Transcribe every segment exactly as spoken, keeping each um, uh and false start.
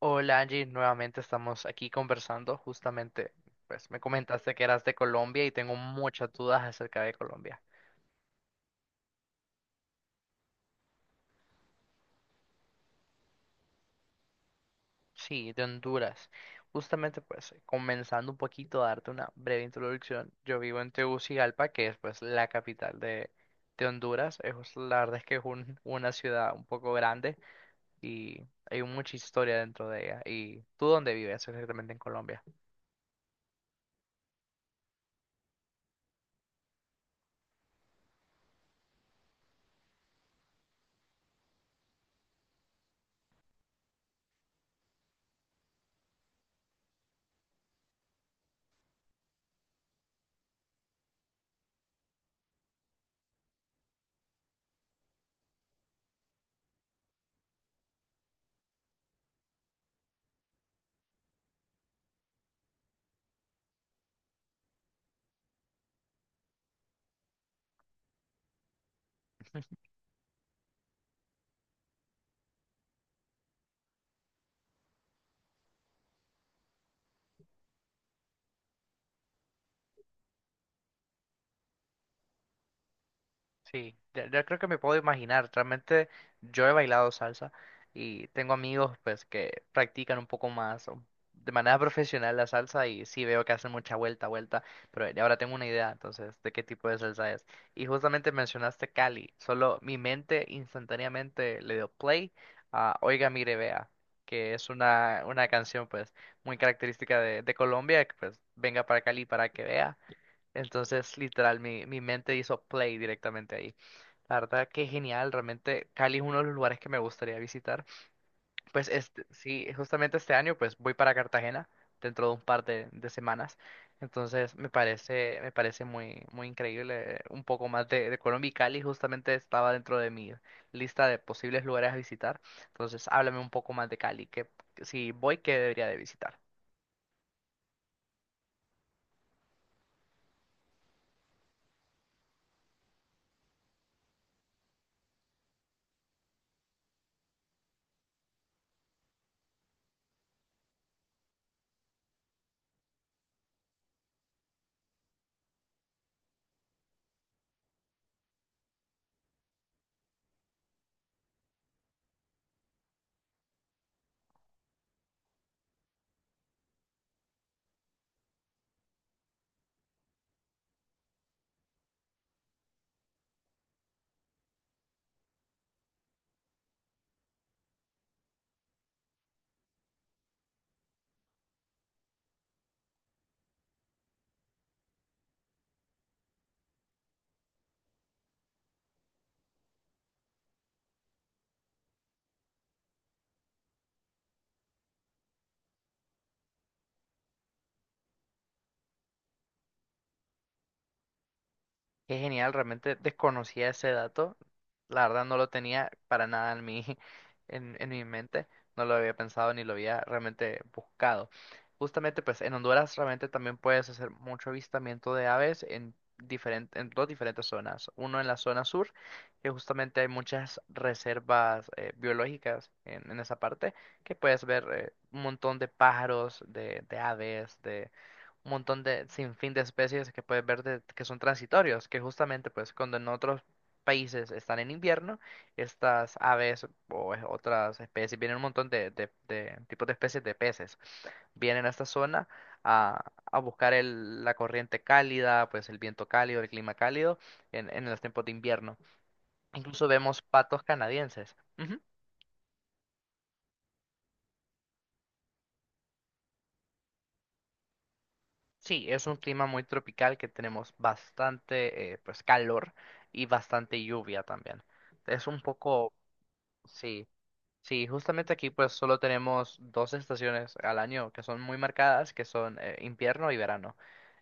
Hola Angie, nuevamente estamos aquí conversando. Justamente, pues me comentaste que eras de Colombia y tengo muchas dudas acerca de Colombia. Sí, de Honduras. Justamente, pues, comenzando un poquito a darte una breve introducción, yo vivo en Tegucigalpa, que es pues la capital de, de Honduras. Es, pues, la verdad es que es un- una ciudad un poco grande y hay mucha historia dentro de ella. ¿Y tú dónde vives exactamente en Colombia? Sí, ya, ya creo que me puedo imaginar. Realmente yo he bailado salsa y tengo amigos pues que practican un poco más o de manera profesional la salsa y sí veo que hacen mucha vuelta, vuelta, pero ya ahora tengo una idea entonces de qué tipo de salsa es. Y justamente mencionaste Cali, solo mi mente instantáneamente le dio play a Oiga, mire, vea, que es una, una canción pues muy característica de, de Colombia, que pues venga para Cali para que vea. Entonces, literal, mi, mi mente hizo play directamente ahí. La verdad que genial, realmente Cali es uno de los lugares que me gustaría visitar. Pues este, sí, justamente este año pues voy para Cartagena dentro de un par de, de semanas. Entonces me parece, me parece muy, muy increíble eh, un poco más de, de Colombia y Cali justamente estaba dentro de mi lista de posibles lugares a visitar. Entonces háblame un poco más de Cali, que si voy, ¿qué debería de visitar? Qué genial, realmente desconocía ese dato. La verdad no lo tenía para nada en mi, en, en mi mente. No lo había pensado ni lo había realmente buscado. Justamente, pues en Honduras realmente también puedes hacer mucho avistamiento de aves en, diferente, en dos diferentes zonas. Uno en la zona sur, que justamente hay muchas reservas eh, biológicas en, en esa parte, que puedes ver eh, un montón de pájaros, de, de aves, un montón de sinfín de especies que puedes ver de- que son transitorios, que justamente pues cuando en otros países están en invierno, estas aves o es- otras especies, vienen un montón de, de- de tipos de especies de peces, vienen a esta zona a, a buscar el- la corriente cálida, pues el viento cálido, el clima cálido en, en los tiempos de invierno. Incluso vemos patos canadienses. Sí, es un clima muy tropical que tenemos bastante eh, pues calor y bastante lluvia también. Es un poco, sí, sí, justamente aquí pues solo tenemos dos estaciones al año que son muy marcadas, que son eh, invierno y verano.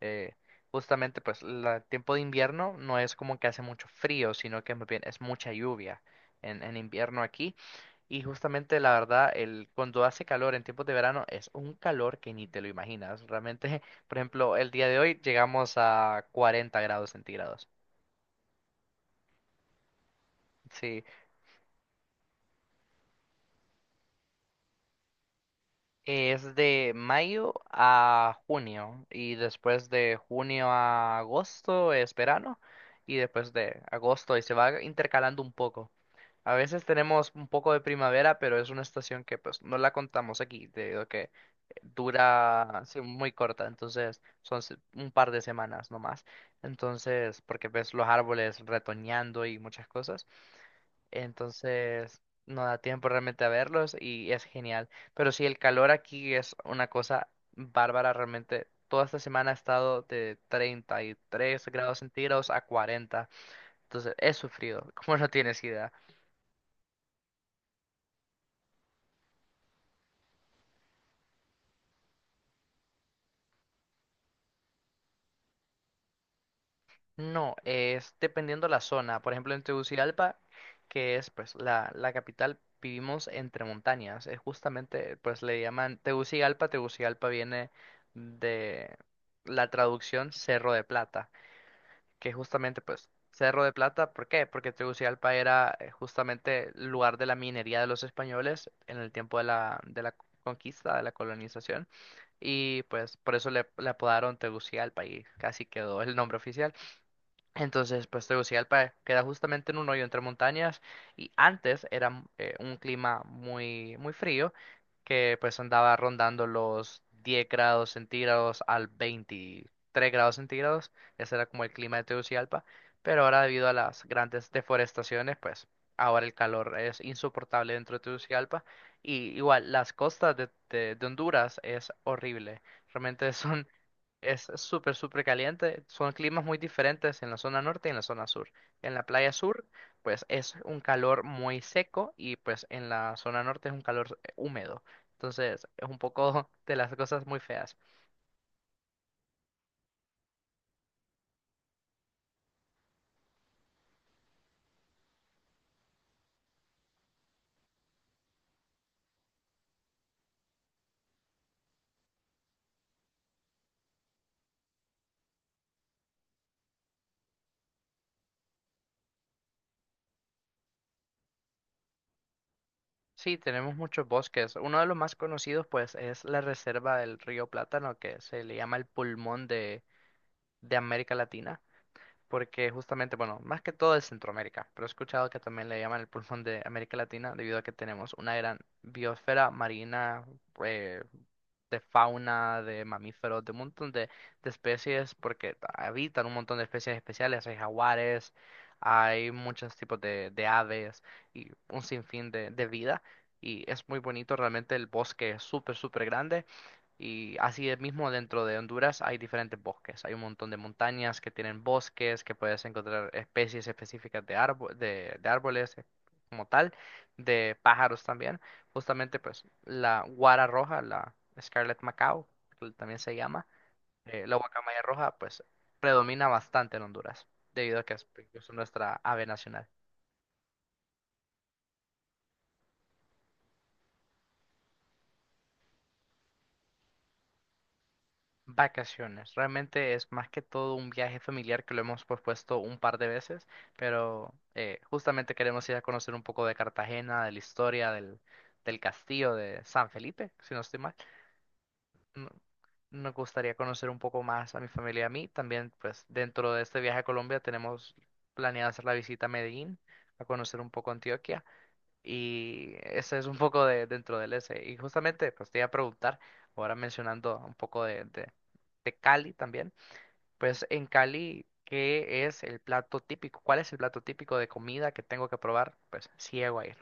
Eh, justamente pues la- el tiempo de invierno no es como que hace mucho frío, sino que más bien es mucha lluvia en, en invierno aquí. Y justamente la verdad, el, cuando hace calor en tiempos de verano es un calor que ni te lo imaginas. Realmente, por ejemplo, el día de hoy llegamos a cuarenta grados centígrados. Sí, es de mayo a junio y después de junio a agosto es verano y después de agosto y se va intercalando un poco. A veces tenemos un poco de primavera, pero es una estación que pues no la contamos aquí, debido a que dura sí, muy corta, entonces son se- un par de semanas nomás. Entonces, porque ves los árboles retoñando y muchas cosas, entonces no da tiempo realmente a verlos y es genial. Pero sí, el calor aquí es una cosa bárbara realmente. Toda esta semana ha estado de treinta y tres grados centígrados a cuarenta, entonces he sufrido, como no tienes idea. No, es dependiendo la zona. Por ejemplo, en Tegucigalpa, que es pues la, la capital, vivimos entre montañas. Es justamente, pues le llaman Tegucigalpa. Tegucigalpa viene de la traducción Cerro de Plata, que justamente pues Cerro de Plata. ¿Por qué? Porque Tegucigalpa era eh, justamente el lugar de la minería de los españoles en el tiempo de la, de la conquista, de la colonización. Y pues por eso le, le apodaron Tegucigalpa y casi quedó el nombre oficial. Entonces, pues Tegucigalpa queda justamente en un hoyo entre montañas y antes era mm, eh, un clima muy, muy frío que pues andaba rondando los diez grados centígrados al veintitrés grados centígrados. Ese era como el clima de Tegucigalpa, pero ahora debido a las grandes deforestaciones, pues ahora el calor es insoportable dentro de Tegucigalpa y igual las costas de, de- de Honduras es horrible. Realmente son es es súper, súper caliente. Son climas muy diferentes en la zona norte y en la zona sur. En la playa sur, pues es un calor muy seco y pues en la zona norte es un calor eh, húmedo. Entonces, es un poco de las cosas muy feas. Sí, tenemos muchos bosques. Uno de los más conocidos, pues, es la reserva del río Plátano, que se le llama el pulmón de, de América Latina. Porque justamente, bueno, más que todo es Centroamérica, pero he escuchado que también le llaman el pulmón de América Latina debido a que tenemos una gran biosfera marina, eh, de fauna, de mamíferos, de un montón de, de especies, porque habitan un montón de especies especiales, hay jaguares, hay muchos tipos de, de aves y un sinfín de, de vida. Y es muy bonito, realmente el bosque es súper, súper grande. Y así es mismo dentro de Honduras hay diferentes bosques. Hay un montón de montañas que tienen bosques, que puedes encontrar especies específicas de, árbo- de, de árboles eh, como tal, de pájaros también. Justamente, pues, la guara roja, la Scarlet Macao, que también se llama, eh, la guacamaya roja, pues, predomina bastante en Honduras, debido a que es, es nuestra ave nacional. Vacaciones. Realmente es más que todo un viaje familiar que lo hemos propuesto un par de veces, pero eh, justamente queremos ir a conocer un poco de Cartagena, de la historia del, del castillo de San Felipe, si no estoy mal. no- Nos gustaría conocer un poco más a mi familia y a mí. También, pues, dentro de este viaje a Colombia tenemos planeado hacer la visita a Medellín, a conocer un poco Antioquia. Y ese es un poco de dentro del ese. Y justamente, pues, te iba a preguntar, ahora mencionando un poco de, de, de Cali también, pues, en Cali, ¿qué es el plato típico? ¿Cuál es el plato típico de comida que tengo que probar? Pues, si llego a ir.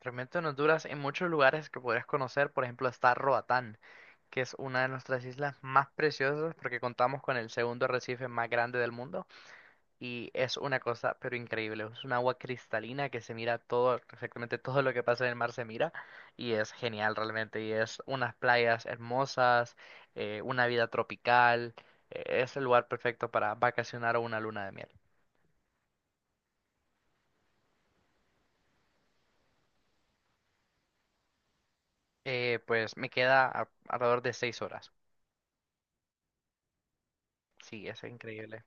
Realmente en Honduras, en muchos lugares que podrías conocer, por ejemplo, está Roatán, que es una de nuestras islas más preciosas porque contamos con el segundo arrecife más grande del mundo y es una cosa pero increíble, es un agua cristalina que se mira todo, exactamente todo lo que pasa en el mar se mira y es genial realmente y es unas playas hermosas, eh, una vida tropical, eh, es el lugar perfecto para vacacionar o una luna de miel. Eh, pues me queda a- alrededor de seis horas. Sí, es increíble.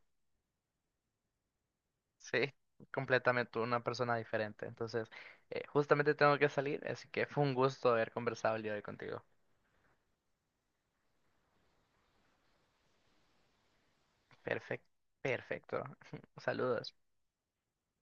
Sí, completamente una persona diferente. Entonces, eh, justamente tengo que salir, así que fue un gusto haber conversado el día de hoy contigo. Perfecto, perfecto. Saludos.